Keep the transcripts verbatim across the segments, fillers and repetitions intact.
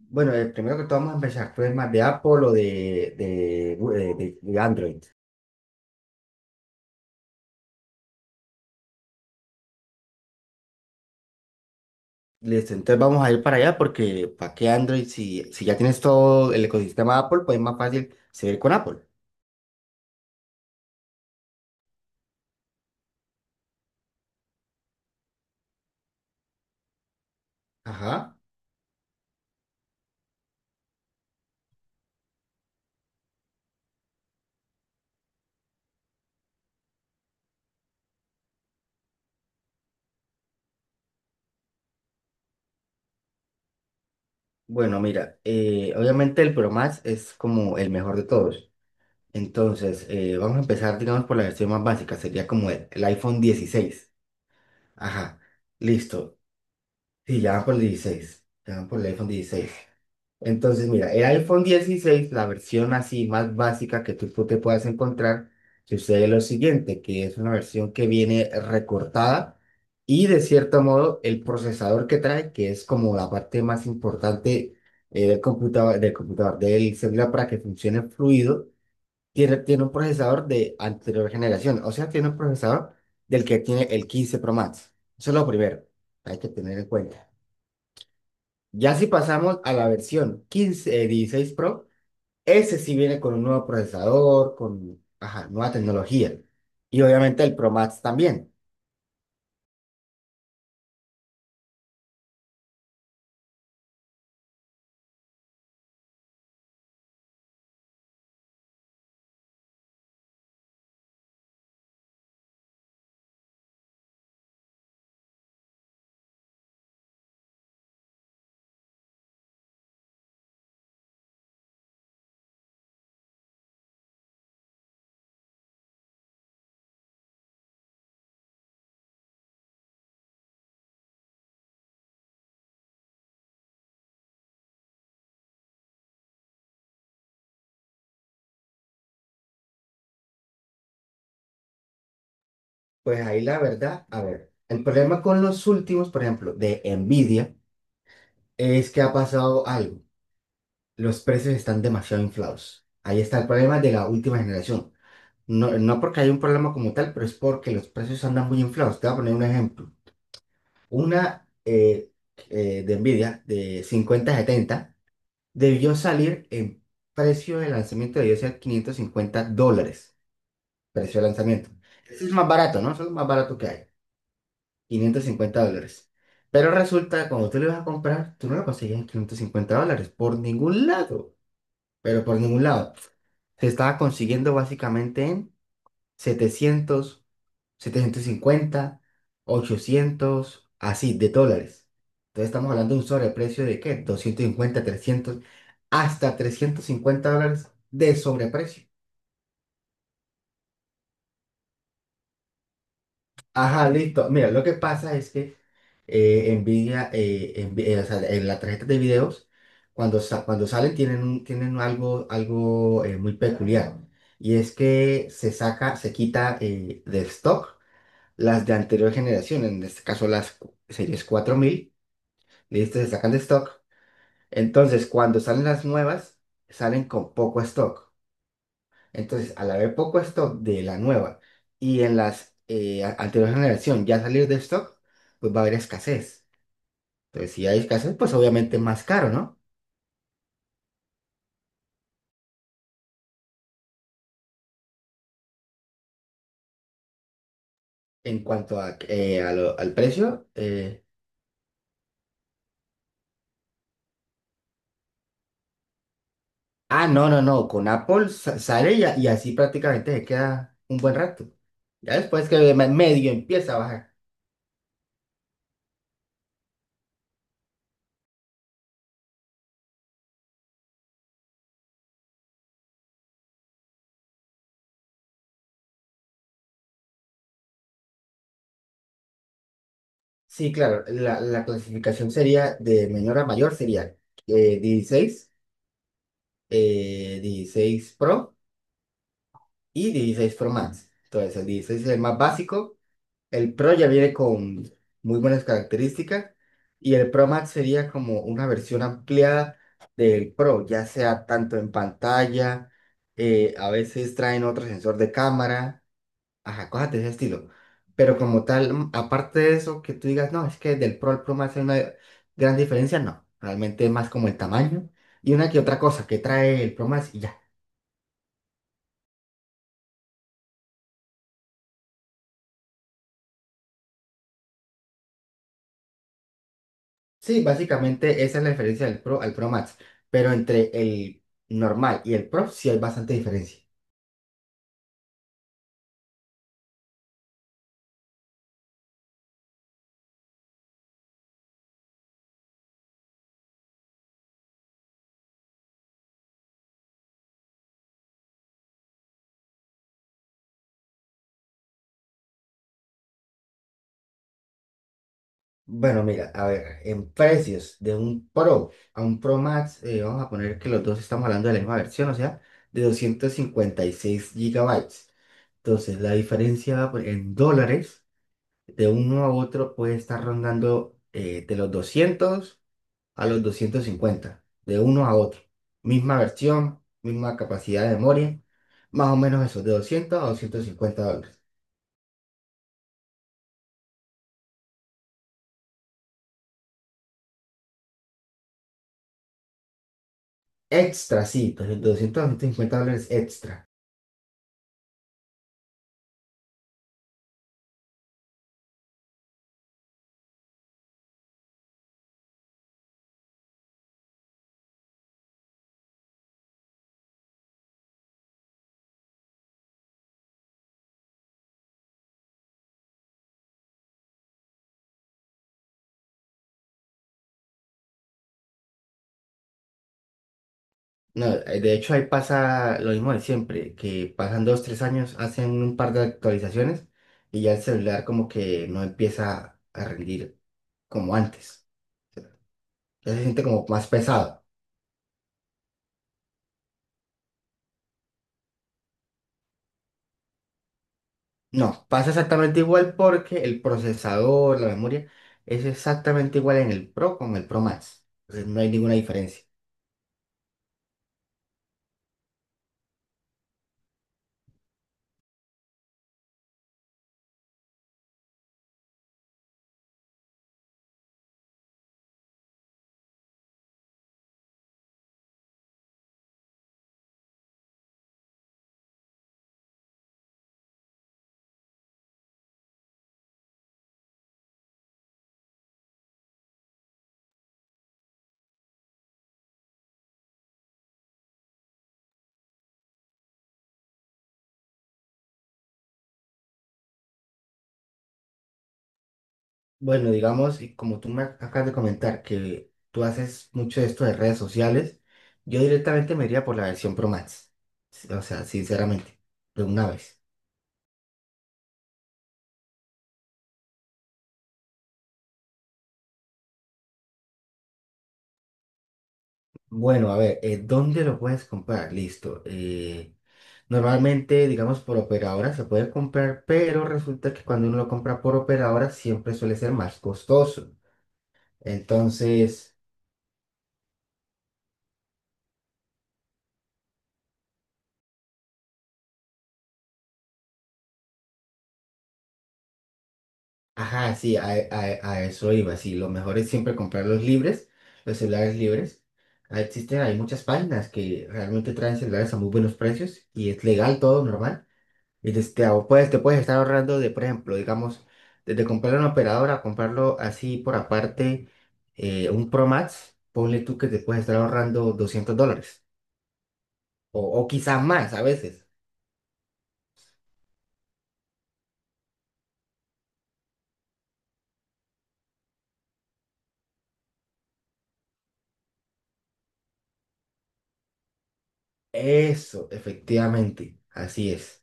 Bueno, eh, primero que todo vamos a empezar, ¿tú eres más de Apple o de, de, Gu- eh, de- de Android? Listo, entonces vamos a ir para allá porque ¿para qué Android? Si, si ya tienes todo el ecosistema Apple, pues es más fácil seguir con Apple. Ajá. Bueno, mira, eh, obviamente el Pro Max es como el mejor de todos. Entonces, eh, vamos a empezar, digamos, por la versión más básica, sería como el, el iPhone dieciséis. Ajá, listo. Sí, ya van por el dieciséis, ya van por el iPhone dieciséis. Entonces, mira, el iPhone dieciséis la versión así más básica que tú, tú te puedas encontrar, sucede lo siguiente, que es una versión que viene recortada y de cierto modo el procesador que trae, que es como la parte más importante eh, del computador, del computador, del celular para que funcione fluido, tiene, tiene un procesador de anterior generación, o sea, tiene un procesador del que tiene el quince Pro Max. Eso es lo primero, hay que tener en cuenta. Ya si pasamos a la versión quince eh, dieciséis Pro, ese sí viene con un nuevo procesador, con ajá, nueva tecnología. Y obviamente el Pro Max también. Pues ahí la verdad, a ver, el problema con los últimos, por ejemplo, de Nvidia, es que ha pasado algo. Los precios están demasiado inflados. Ahí está el problema de la última generación. No, no porque hay un problema como tal, pero es porque los precios andan muy inflados. Te voy a poner un ejemplo. Una eh, eh, De Nvidia de cincuenta setenta debió salir en precio de lanzamiento, debió ser quinientos cincuenta dólares, precio de lanzamiento. Eso es más barato, ¿no? Eso es lo más barato que hay, quinientos cincuenta dólares. Pero resulta que cuando tú lo ibas a comprar, tú no lo conseguías en quinientos cincuenta dólares, por ningún lado, pero por ningún lado. Se estaba consiguiendo básicamente en setecientos setecientos cincuenta, ochocientos, así, de dólares. Entonces estamos hablando de un sobreprecio de ¿qué? Doscientos cincuenta, trescientos, hasta trescientos cincuenta dólares de sobreprecio. Ajá, listo. Mira, lo que pasa es que eh, Nvidia, eh, envi- eh, o sea, en la tarjeta de videos, cuando, sa- cuando salen tienen, un- tienen algo, algo eh, muy peculiar. Y es que se saca, se quita eh, de stock las de anterior generación, en este caso las cu- series cuatro mil. Listo, se sacan de stock. Entonces, cuando salen las nuevas, salen con poco stock. Entonces, al haber poco stock de la nueva y en las eh, a- anterior generación ya salir de stock, pues va a haber escasez. Entonces, si hay escasez, pues obviamente es más caro, ¿no? En cuanto a, eh, a lo- al precio. Eh, Ah, no, no, no. Con Apple sa- sale y, a- y así prácticamente se queda un buen rato. Ya después que me- medio empieza a bajar. Sí, claro, la, la clasificación sería de menor a mayor, sería eh, dieciséis, eh, dieciséis Pro y dieciséis Pro Max. Entonces, el dieciséis es el más básico, el Pro ya viene con muy buenas características y el Pro Max sería como una versión ampliada del Pro, ya sea tanto en pantalla, eh, a veces traen otro sensor de cámara. Ajá, cosas de ese estilo. Pero como tal, mm, aparte de eso, que tú digas, no, es que del Pro al Pro me hace una gran diferencia, no. Realmente es más como el tamaño y una que otra cosa que trae el Pro Max y ya. Sí, básicamente esa es la diferencia del Pro al Pro Max. Pero entre el normal y el Pro sí hay bastante diferencia. Bueno, mira, a ver, en precios de un Pro a un Pro Max, eh, vamos a poner que los dos estamos hablando de la misma versión, o sea, de doscientos cincuenta y seis gigabytes. Entonces, la diferencia pues, en dólares de uno a otro puede estar rondando eh, de los doscientos a los doscientos cincuenta de uno a otro. Misma versión, misma capacidad de memoria, más o menos eso, de doscientos a doscientos cincuenta dólares. Extra, sí, entonces, de doscientos a doscientos cincuenta dólares extra. No, eh, de hecho, ahí pasa lo mismo de siempre, que pasan dos, tres años, hacen un par de actualizaciones y ya el celular como que no empieza a rendir como antes. Ya se siente como más pesado. No, pasa exactamente igual porque el procesador, la memoria, es exactamente igual en el Pro con el Pro Max. Entonces no hay ninguna diferencia. Bueno, digamos, y como tú me acabas de comentar que tú haces mucho de esto de redes sociales, yo directamente me iría por la versión Pro Max. O sea, sinceramente, de una vez. Bueno, a ver, eh, ¿dónde lo puedes comprar? Listo. Eh, normalmente, digamos, por operadora se puede comprar, pero resulta que cuando uno lo compra por operadora siempre suele ser más costoso. Entonces, ajá, sí, a, a- a eso iba. Sí, lo mejor es siempre comprar los libres, los celulares libres. Ah, existen, hay muchas páginas que realmente traen celulares a muy buenos precios y es legal todo, normal. Y te, te ahor- puedes, te puedes estar ahorrando de, por ejemplo, digamos, desde comprar una operadora, comprarlo así por aparte, eh, un Pro Max, ponle tú que te puedes estar ahorrando doscientos dólares o, o quizás más a veces. Eso, efectivamente, así es.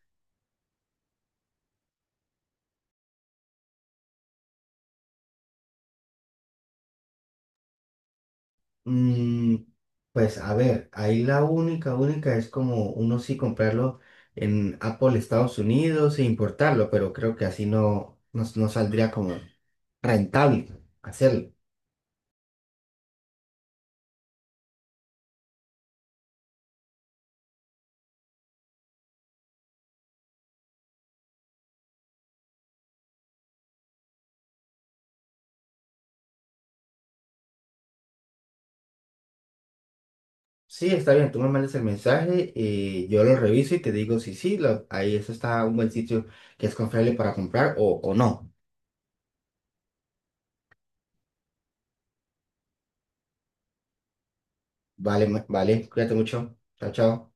Mm, pues a ver, ahí la única, única es como uno sí comprarlo en Apple Estados Unidos e importarlo, pero creo que así no, no, no saldría como rentable hacerlo. Sí, está bien, tú me mandas el mensaje, eh, yo lo reviso y te digo si sí, lo- ahí eso está un buen sitio que es confiable para comprar o, o no. Vale, ma- vale, cuídate mucho. Chao, chao.